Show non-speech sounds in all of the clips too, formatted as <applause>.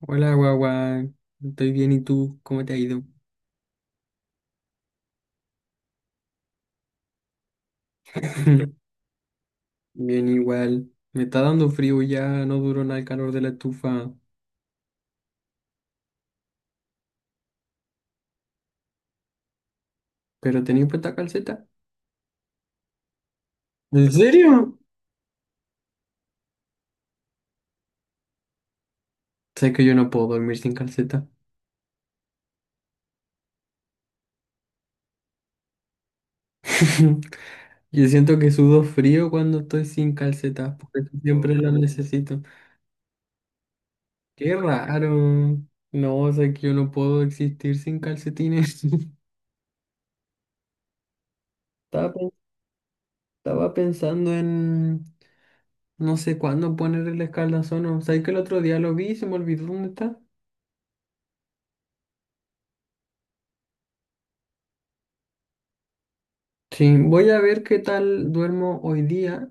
Hola, guagua. Estoy bien, ¿y tú? ¿Cómo te ha ido? <laughs> Bien, igual. Me está dando frío ya, no duró nada el calor de la estufa. ¿Pero tenía puesta calceta? ¿En serio? Sé que yo no puedo dormir sin calceta. <laughs> Yo siento que sudo frío cuando estoy sin calcetas, porque siempre las necesito. ¡Qué raro! No, sé que yo no puedo existir sin calcetines. <laughs> Estaba, pen- Estaba pensando en. No sé cuándo poner el escaldazón. Sabes que el otro día lo vi y se me olvidó dónde está. Sí, voy a ver qué tal duermo hoy día.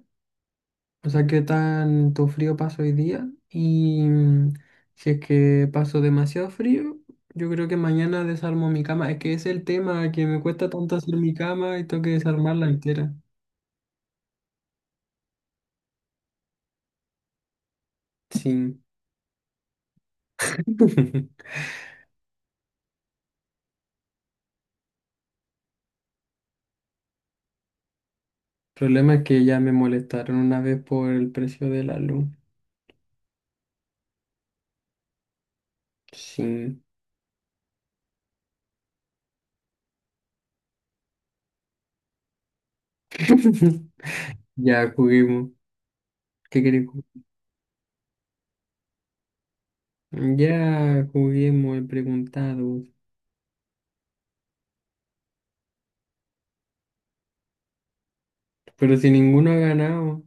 O sea, qué tanto frío paso hoy día. Y si es que paso demasiado frío, yo creo que mañana desarmo mi cama. Es que ese es el tema que me cuesta tanto hacer mi cama y tengo que desarmarla entera. Sí. <laughs> El problema es que ya me molestaron una vez por el precio de la luz. Sí. <laughs> Ya juguemos. ¿Qué querés? Ya juguemos, he preguntado, pero si ninguno ha ganado.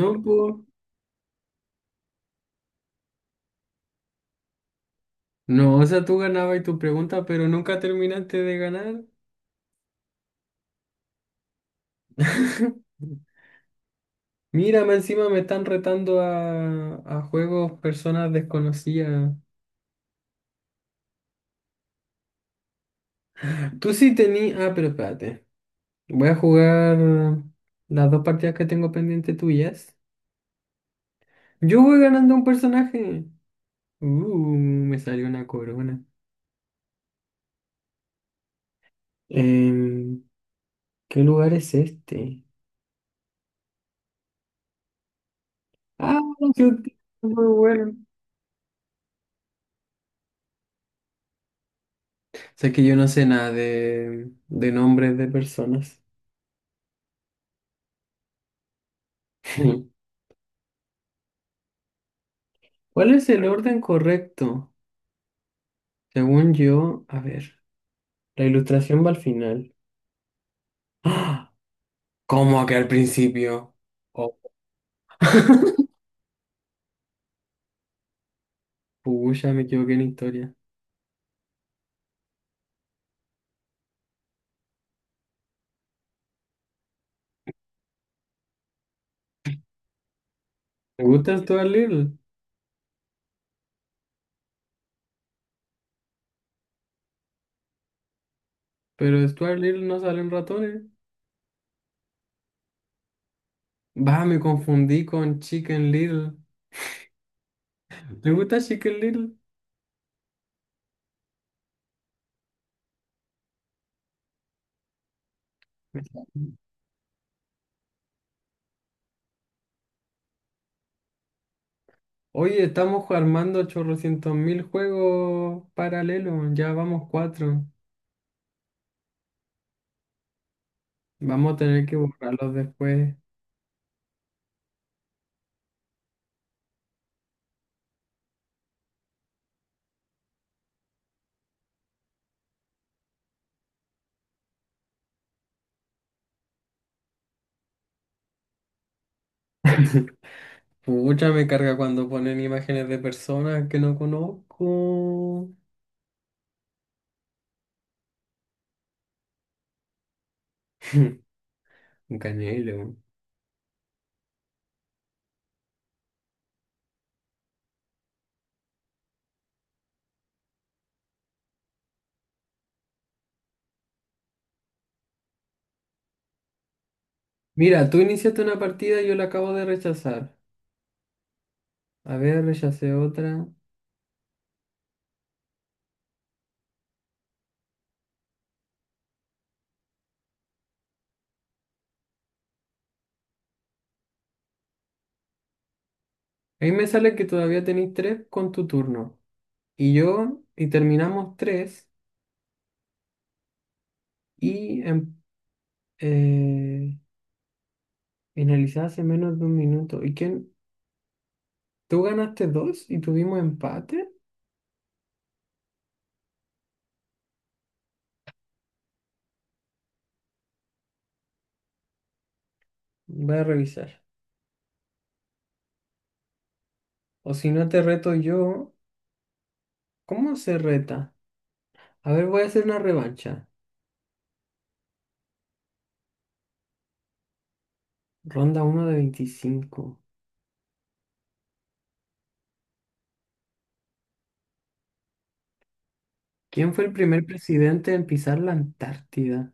No, po. No, o sea, tú ganabas tu pregunta, pero nunca terminaste de ganar. <laughs> Mira, más encima me están retando a juegos personas desconocidas. Tú sí tenías. Ah, pero espérate. Voy a jugar las dos partidas que tengo pendiente tuyas. Yo voy ganando un personaje. Uh, me salió una corona. Em, ¿qué lugar es este? Ah, qué, qué muy bueno. Sé que yo no sé nada de nombres de personas. <laughs> ¿Cuál es el orden correcto? Según yo, a ver, la ilustración va al final. ¡Ah! ¿Cómo que al principio? Oh. <laughs> Pucha, me equivoqué en historia. Me gusta Stuart Little, pero Stuart Little no salen ratones. Va, me confundí con Chicken Little. ¿Te gusta Chicken Little? Oye, estamos armando chorrocientos mil juegos paralelos, ya vamos cuatro. Vamos a tener que borrarlos después. <laughs> Pucha, me carga cuando ponen imágenes de personas que no conozco. <laughs> Un canelo. Mira, tú iniciaste una partida y yo la acabo de rechazar. A ver, rechacé otra. Ahí me sale que todavía tenéis tres con tu turno. Y yo, y terminamos tres. Y eh, finalizé hace menos de un minuto. ¿Y quién? Tú ganaste dos y tuvimos empate. Voy a revisar. O si no te reto yo, ¿cómo se reta? A ver, voy a hacer una revancha. Ronda uno de 25. ¿Quién fue el primer presidente en pisar la Antártida?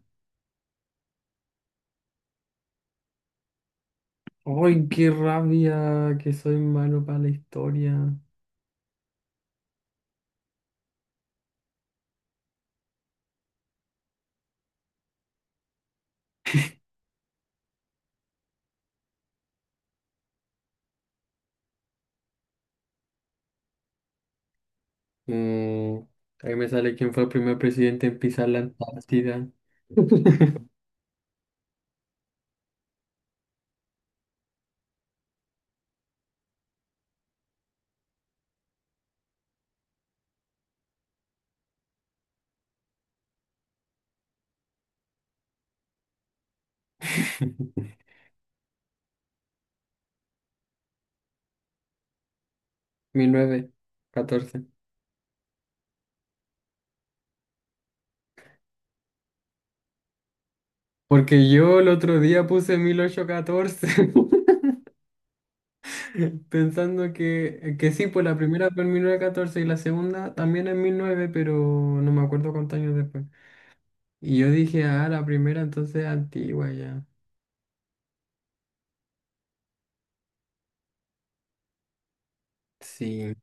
¡Ay, qué rabia! Que soy malo para la historia. Mm, ahí me sale quién fue el primer presidente en pisar la Antártida. <laughs> 1914. Porque yo el otro día puse 1814. <laughs> <laughs> Pensando que sí, pues la primera fue en 1914 y la segunda también en 1900, pero no me acuerdo cuántos años después. Y yo dije, ah, la primera entonces es antigua ya. Sí,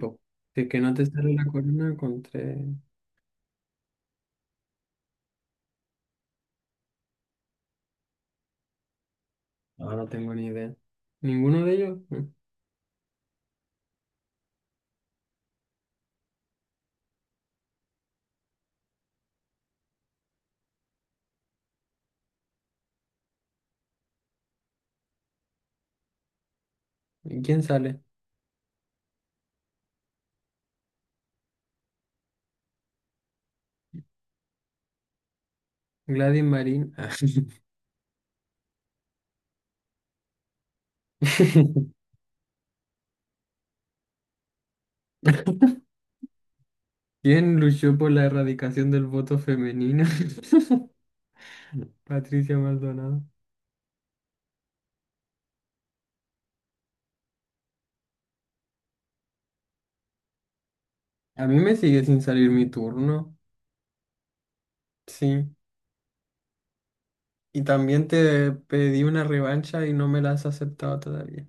po. Si es que no te sale la corona con tres. Ahora no tengo ni idea. ¿Ninguno de ellos? ¿No? ¿Y quién sale? Gladys Marín. Ah. <laughs> ¿Quién luchó por la erradicación del voto femenino? <laughs> Patricia Maldonado. A mí me sigue sin salir mi turno. Sí. Y también te pedí una revancha y no me la has aceptado todavía.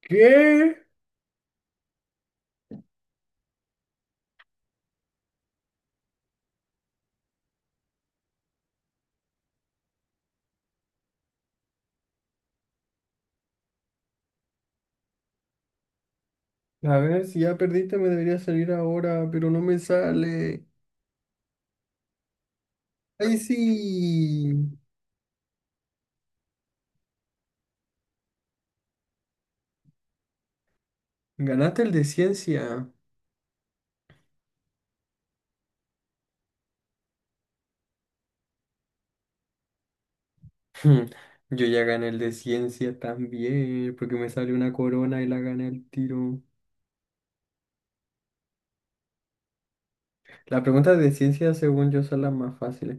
¿Qué? A ver, si ya perdiste me debería salir ahora, pero no me sale. ¡Ay, sí! Ganaste el de ciencia. Hmm, Yo ya gané el de ciencia también, porque me salió una corona y la gané al tiro. Las preguntas de ciencia, según yo, son las más fáciles.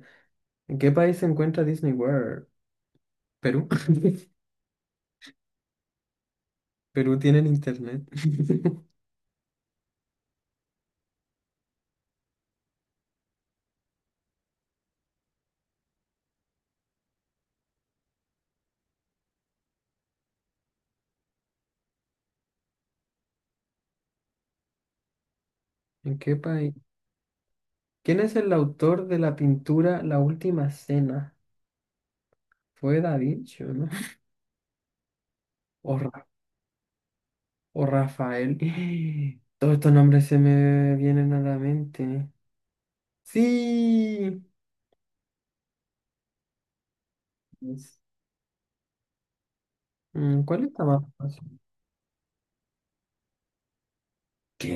¿En qué país se encuentra Disney World? Perú. <laughs> Perú tienen internet. <laughs> ¿En qué país? ¿Quién es el autor de la pintura La Última Cena? Fue Da Vinci, ¿o no? <laughs> O, Ra- o Rafael. <gasps> Todos estos nombres se me vienen a la mente. Sí. Es- ¿Cuál está más fácil? ¿Qué?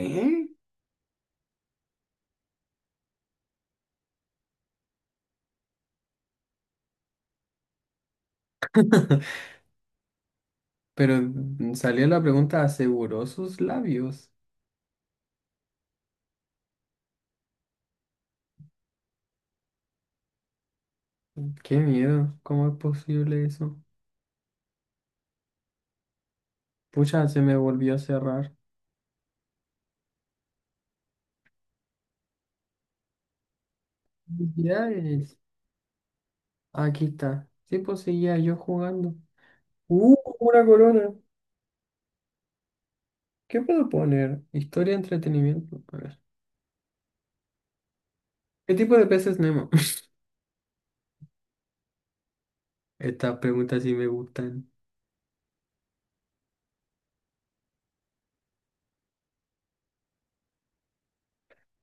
<laughs> Pero salió la pregunta, ¿aseguró sus labios? Qué miedo, ¿cómo es posible eso? Pucha, se me volvió a cerrar. Felicidades. Aquí está. Sí, pues seguía yo jugando. ¡Uh! Una corona. ¿Qué puedo poner? Historia, entretenimiento. A ver. ¿Qué tipo de peces Nemo? <laughs> Estas preguntas sí me gustan.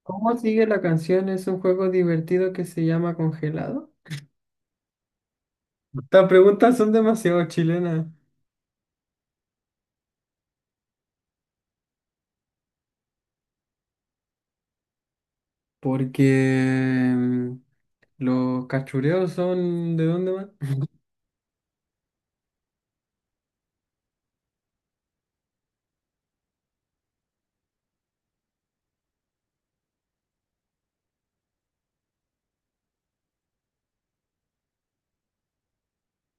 ¿Cómo sigue la canción? Es un juego divertido que se llama Congelado. Estas preguntas son demasiado chilenas. Porque los cachureos son. ¿De dónde van?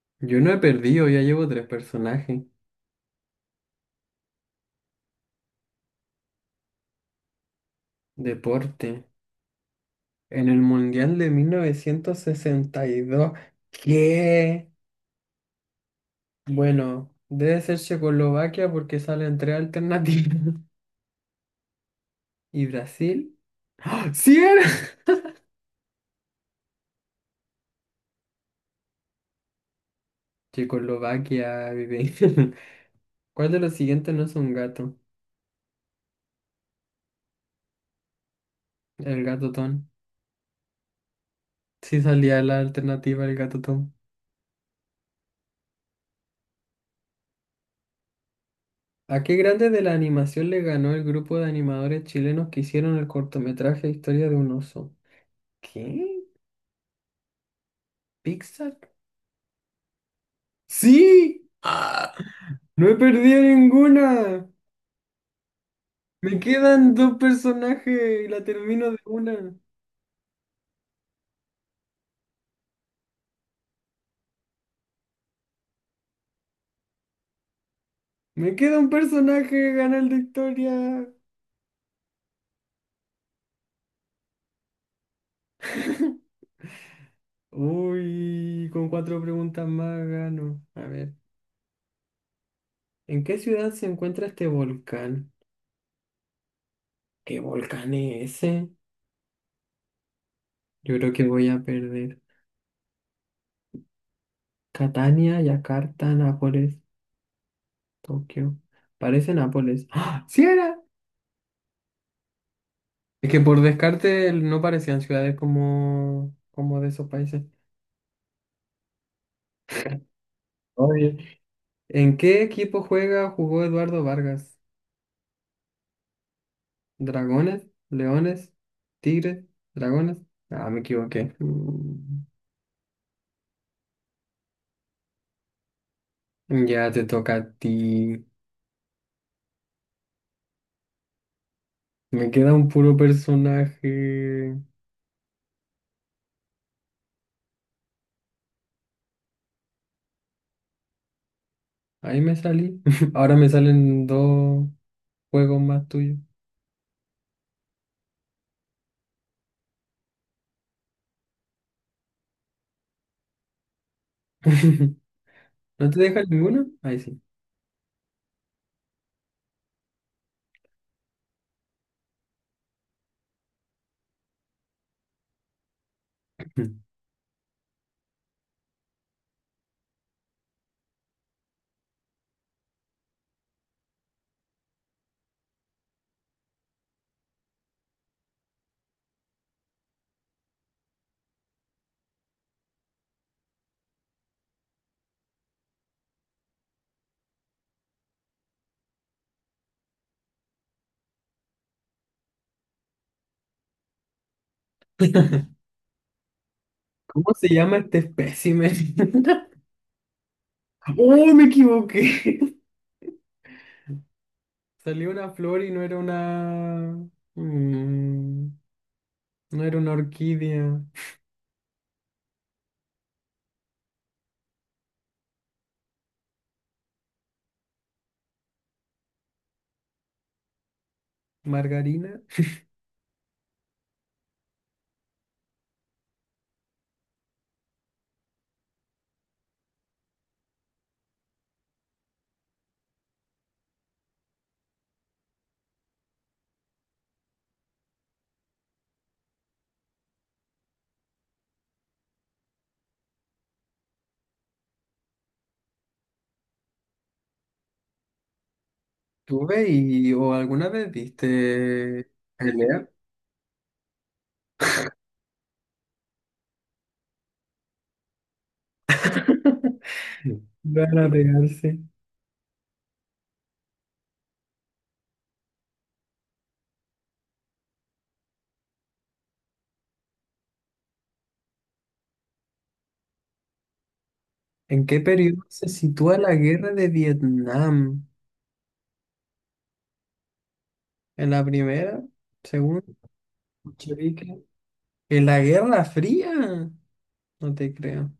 <laughs> Yo no he perdido, ya llevo tres personajes. Deporte. En el Mundial de 1962. ¿Qué? Bueno, debe ser Checoslovaquia porque salen tres alternativas. ¿Y Brasil? ¡Ah! ¡Sí era! <laughs> Checoslovaquia, bebé. <laughs> ¿Cuál de los siguientes no es un gato? El gato Tom. Sí salía la alternativa, el gato Tom. ¿A qué grande de la animación le ganó el grupo de animadores chilenos que hicieron el cortometraje Historia de un oso? ¿Qué? ¿Pixar? ¡Sí! ¡Ah! ¡No he perdido ninguna! Me quedan dos personajes y la termino de una. Me queda un personaje, gana el de historia. Uy, con cuatro preguntas más gano. A ver, ¿en qué ciudad se encuentra este volcán? ¿Qué volcán es ese? Yo creo que voy a perder. Catania, Yakarta, Nápoles, Tokio. Parece Nápoles. ¡Ah! ¡Sí era! Es que por descarte no parecían ciudades como de esos países. Oye. ¿En qué equipo juega, jugó Eduardo Vargas? ¿Dragones? ¿Leones? ¿Tigres? ¿Dragones? Ah, me equivoqué. Mm. Ya te toca a ti. Me queda un puro personaje. Ahí me salí. <laughs> Ahora me salen dos juegos más tuyos. <laughs> ¿No te dejan ninguno? Ahí sí. <laughs> ¿Cómo se llama este espécimen? <laughs> ¡Oh, me equivoqué! <laughs> Salió una flor y mm, no era una orquídea. ¿Margarina? ¿Tuve y o alguna vez viste pelea? <laughs> Van a pegarse. ¿En qué periodo se sitúa la guerra de Vietnam? ¿En la primera? ¿Segunda? ¿Bolchevique? ¿En la Guerra Fría? No te creo.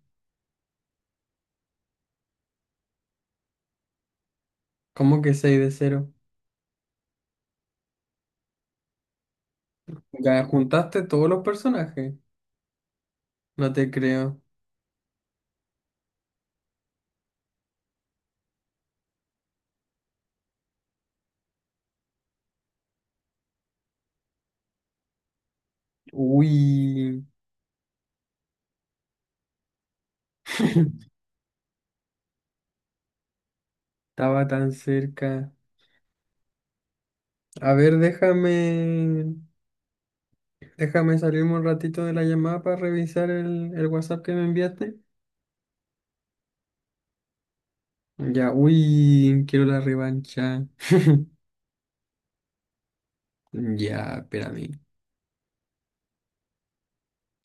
¿Cómo que 6 de cero? Ya juntaste todos los personajes. No te creo. Uy, <laughs> estaba tan cerca. A ver, déjame, déjame salirme un ratito de la llamada para revisar el WhatsApp que me enviaste. Ya, uy, quiero la revancha. <laughs> Ya, espérame.